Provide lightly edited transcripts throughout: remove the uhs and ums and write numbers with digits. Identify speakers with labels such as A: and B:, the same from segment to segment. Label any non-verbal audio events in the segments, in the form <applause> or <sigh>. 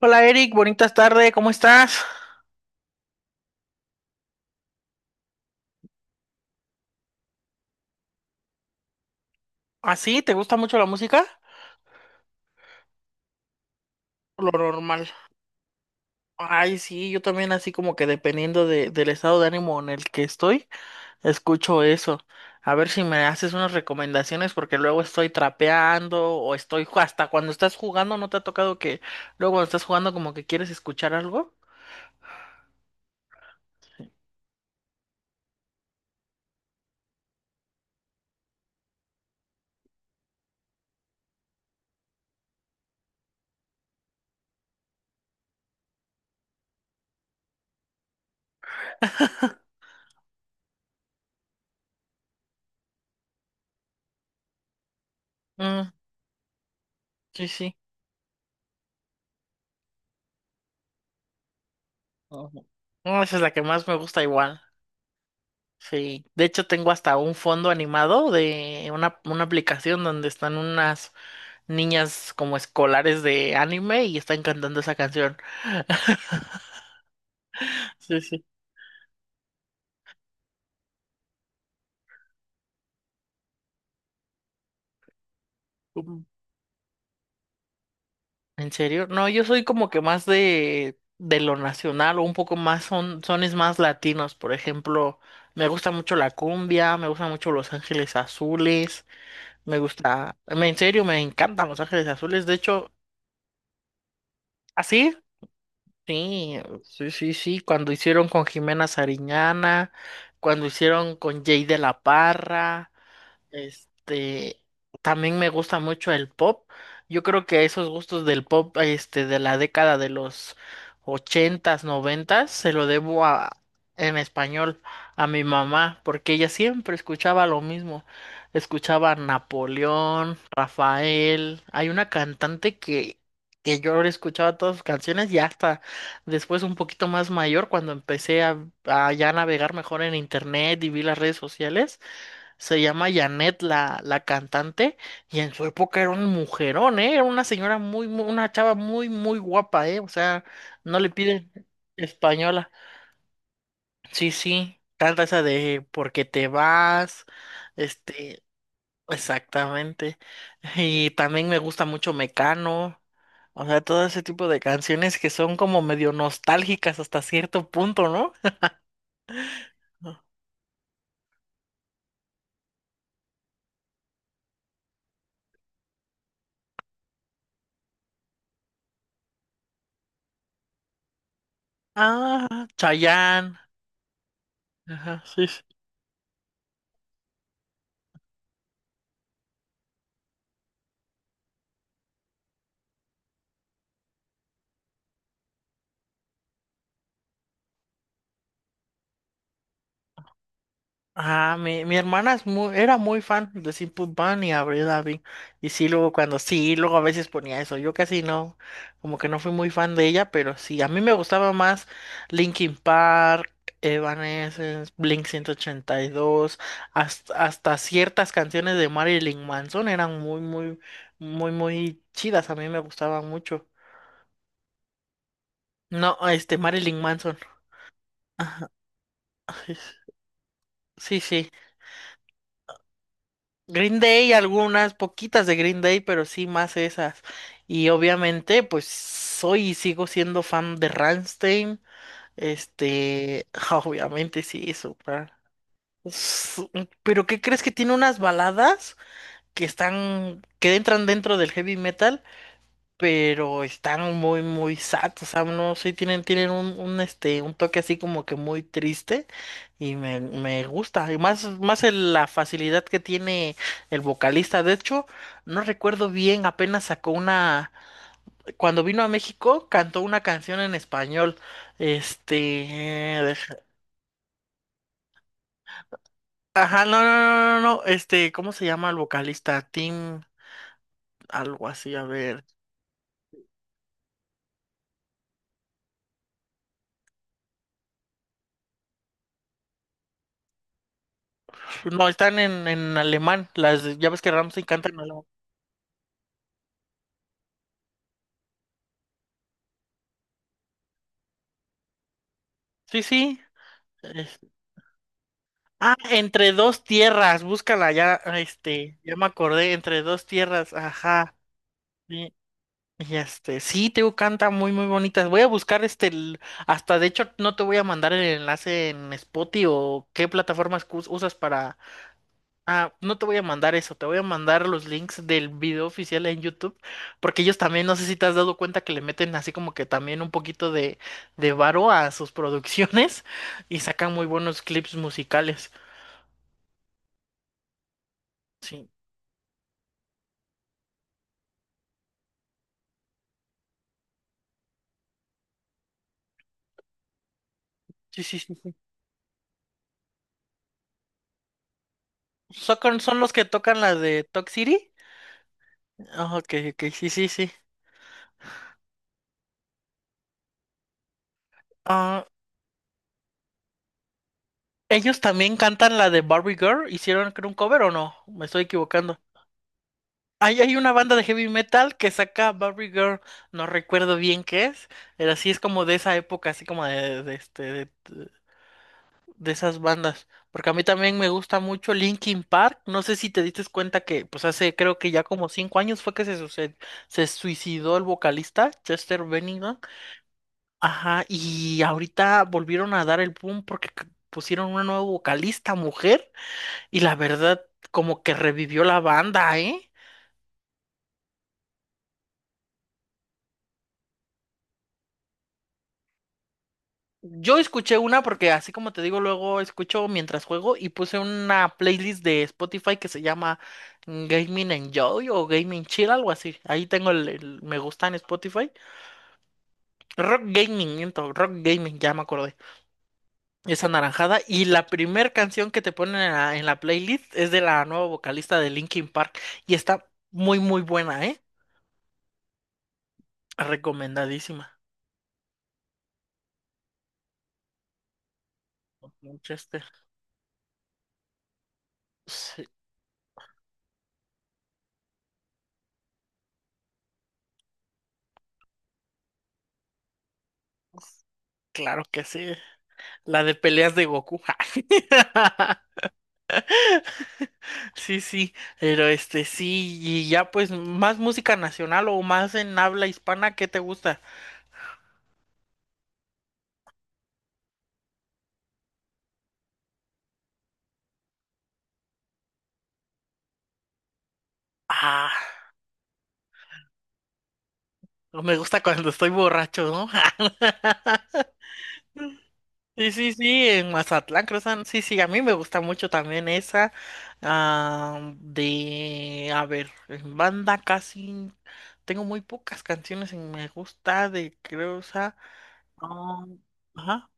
A: Hola Eric, bonitas tardes, ¿cómo estás? ¿Así? ¿Te gusta mucho la música? Lo normal. Ay, sí, yo también así como que dependiendo del estado de ánimo en el que estoy, escucho eso. A ver si me haces unas recomendaciones porque luego estoy trapeando o estoy hasta cuando estás jugando, ¿no te ha tocado que luego cuando estás jugando como que quieres escuchar algo? Mm, sí, sí. Ujú. No, esa es la que más me gusta igual. Sí. De hecho, tengo hasta un fondo animado de una aplicación donde están unas niñas como escolares de anime y están cantando esa canción. <laughs> Sí, sí. Mm. ¿En serio? No, yo soy como que más de lo nacional o un poco más son sones más latinos. Por ejemplo, me gusta mucho la cumbia, me gusta mucho Los Ángeles Azules, en serio, me encantan Los Ángeles Azules. De hecho, ¿así? Sí, sí, sí, sí. Cuando hicieron con Jimena Sariñana, cuando hicieron con Jay de la Parra. Este, también me gusta mucho el pop. Yo creo que esos gustos del pop, este, de la década de los ochentas, noventas, se lo debo a, en español, a mi mamá, porque ella siempre escuchaba lo mismo. Escuchaba Napoleón, Rafael. Hay una cantante que yo escuchaba todas sus canciones y hasta después un poquito más mayor, cuando a ya navegar mejor en internet y vi las redes sociales. Se llama Janet la cantante y en su época era un mujerón, ¿eh? Era una señora una chava muy, muy guapa, ¿eh? O sea, no le piden española. Sí, sí, canta esa de ¿porque te vas? Este, exactamente. Y también me gusta mucho Mecano. O sea, todo ese tipo de canciones que son como medio nostálgicas hasta cierto punto, ¿no? Ah, Chayanne. Ajá, sí, sí. Ah, mi hermana es muy, era muy fan de Simple Plan y Avril Lavigne. Y sí, luego cuando sí, luego a veces ponía eso. Yo casi no, como que no fui muy fan de ella, pero sí, a mí me gustaba más Linkin Park, Evanescence, Blink 182, hasta ciertas canciones de Marilyn Manson eran muy, muy, muy, muy chidas. A mí me gustaban mucho. No, este, Marilyn Manson. Ajá, sí, sí. Green Day, algunas poquitas de Green Day, pero sí más esas. Y obviamente, pues soy y sigo siendo fan de Rammstein. Este, <laughs> obviamente sí, eso. Pero ¿qué crees que tiene unas baladas que entran dentro del heavy metal? Pero están muy, muy sad, o sea, no sé, tienen un toque así como que muy triste y me gusta, y más la facilidad que tiene el vocalista, de hecho, no recuerdo bien, apenas sacó una, cuando vino a México, cantó una canción en español, este, deja- ajá, no, no, no, no, no, este, ¿cómo se llama el vocalista? Tim... Algo así, a ver. No, están en alemán. Las, ya ves que Ramsey canta en alemán. Sí, sí. Es- Ah, entre dos tierras, búscala ya, este, ya me acordé, entre dos tierras, ajá. Y, y este, sí, Teo canta muy, muy bonitas. Voy a buscar este, hasta de hecho no te voy a mandar el enlace en Spotify o qué plataformas usas para... Ah, no te voy a mandar eso, te voy a mandar los links del video oficial en YouTube, porque ellos también, no sé si te has dado cuenta que le meten así como que también un poquito de varo a sus <laughs> producciones y sacan muy buenos clips musicales. Sí. Sí, sí, sí. Sí. ¿Son, son los que tocan la de Talk City? Ah, ok, ok, sí, sí, sí. Ah, ¿ellos también cantan la de Barbie Girl? ¿Hicieron creo, un cover o no? Me estoy equivocando. Hay una banda de heavy metal que saca Barbie Girl, no recuerdo bien qué es, pero sí es como de esa época, así como de esas bandas. Porque a mí también me gusta mucho Linkin Park. No sé si te diste cuenta que, pues hace creo que ya como cinco años fue que se suicidó el vocalista Chester Bennington. Ajá, y ahorita volvieron a dar el boom porque pusieron una nueva vocalista mujer y la verdad como que revivió la banda, ¿eh? Yo escuché una porque así como te digo, luego escucho mientras juego y puse una playlist de Spotify que se llama Gaming Enjoy o Gaming Chill, algo así. Ahí tengo el me gusta en Spotify. Rock Gaming, miento, Rock Gaming, ya me acordé. Es anaranjada. Y la primer canción que te ponen en en la playlist es de la nueva vocalista de Linkin Park. Y está muy, muy buena, ¿eh? Recomendadísima. Manchester. Sí, claro que sí. La de peleas de Goku. <laughs> Sí, sí. Pero este, sí. Y ya, pues, más música nacional o más en habla hispana, ¿qué te gusta? Ah, no me gusta cuando estoy borracho, ¿no? <laughs> Sí, sí, sí, en Mazatlán, Cruzan sí, sí, a mí me gusta mucho también esa ah, de, a ver, en banda casi tengo muy pocas canciones en me gusta de, creo, ah, ajá,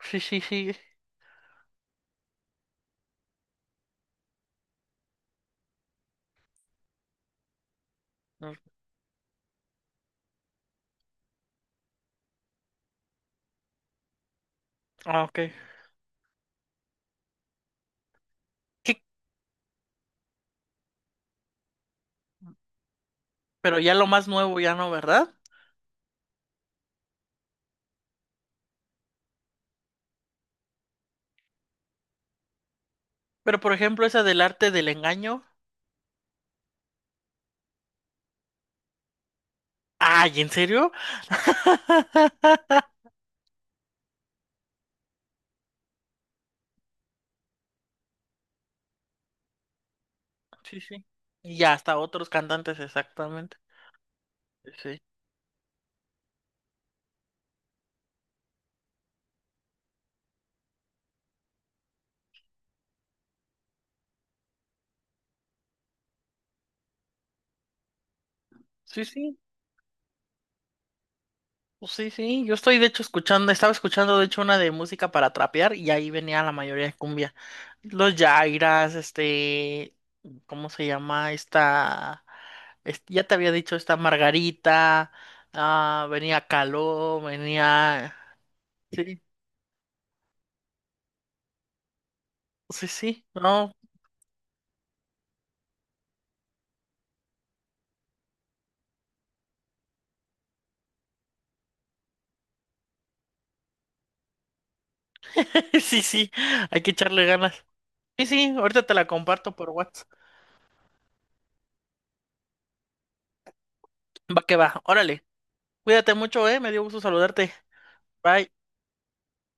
A: sí, sí, sí, mm, ah, ok, sí, pero ya lo más nuevo ya no, ¿verdad? Pero por ejemplo esa del arte del engaño, ay, ¿en serio? <laughs> Sí, sí, y ya hasta otros cantantes exactamente, sí, sí, sí. Pues sí, sí, yo estoy de hecho escuchando, estaba escuchando de hecho una de música para trapear y ahí venía la mayoría de cumbia. Los Yairas, este, ¿cómo se llama? Esta, ya te había dicho esta Margarita, ah, venía Caló, venía... Sí, sí, sí, no, <laughs> sí, sí, hay que echarle ganas. Sí, sí, ahorita te la comparto por WhatsApp. Va que va, órale, cuídate mucho, me dio gusto saludarte. Bye.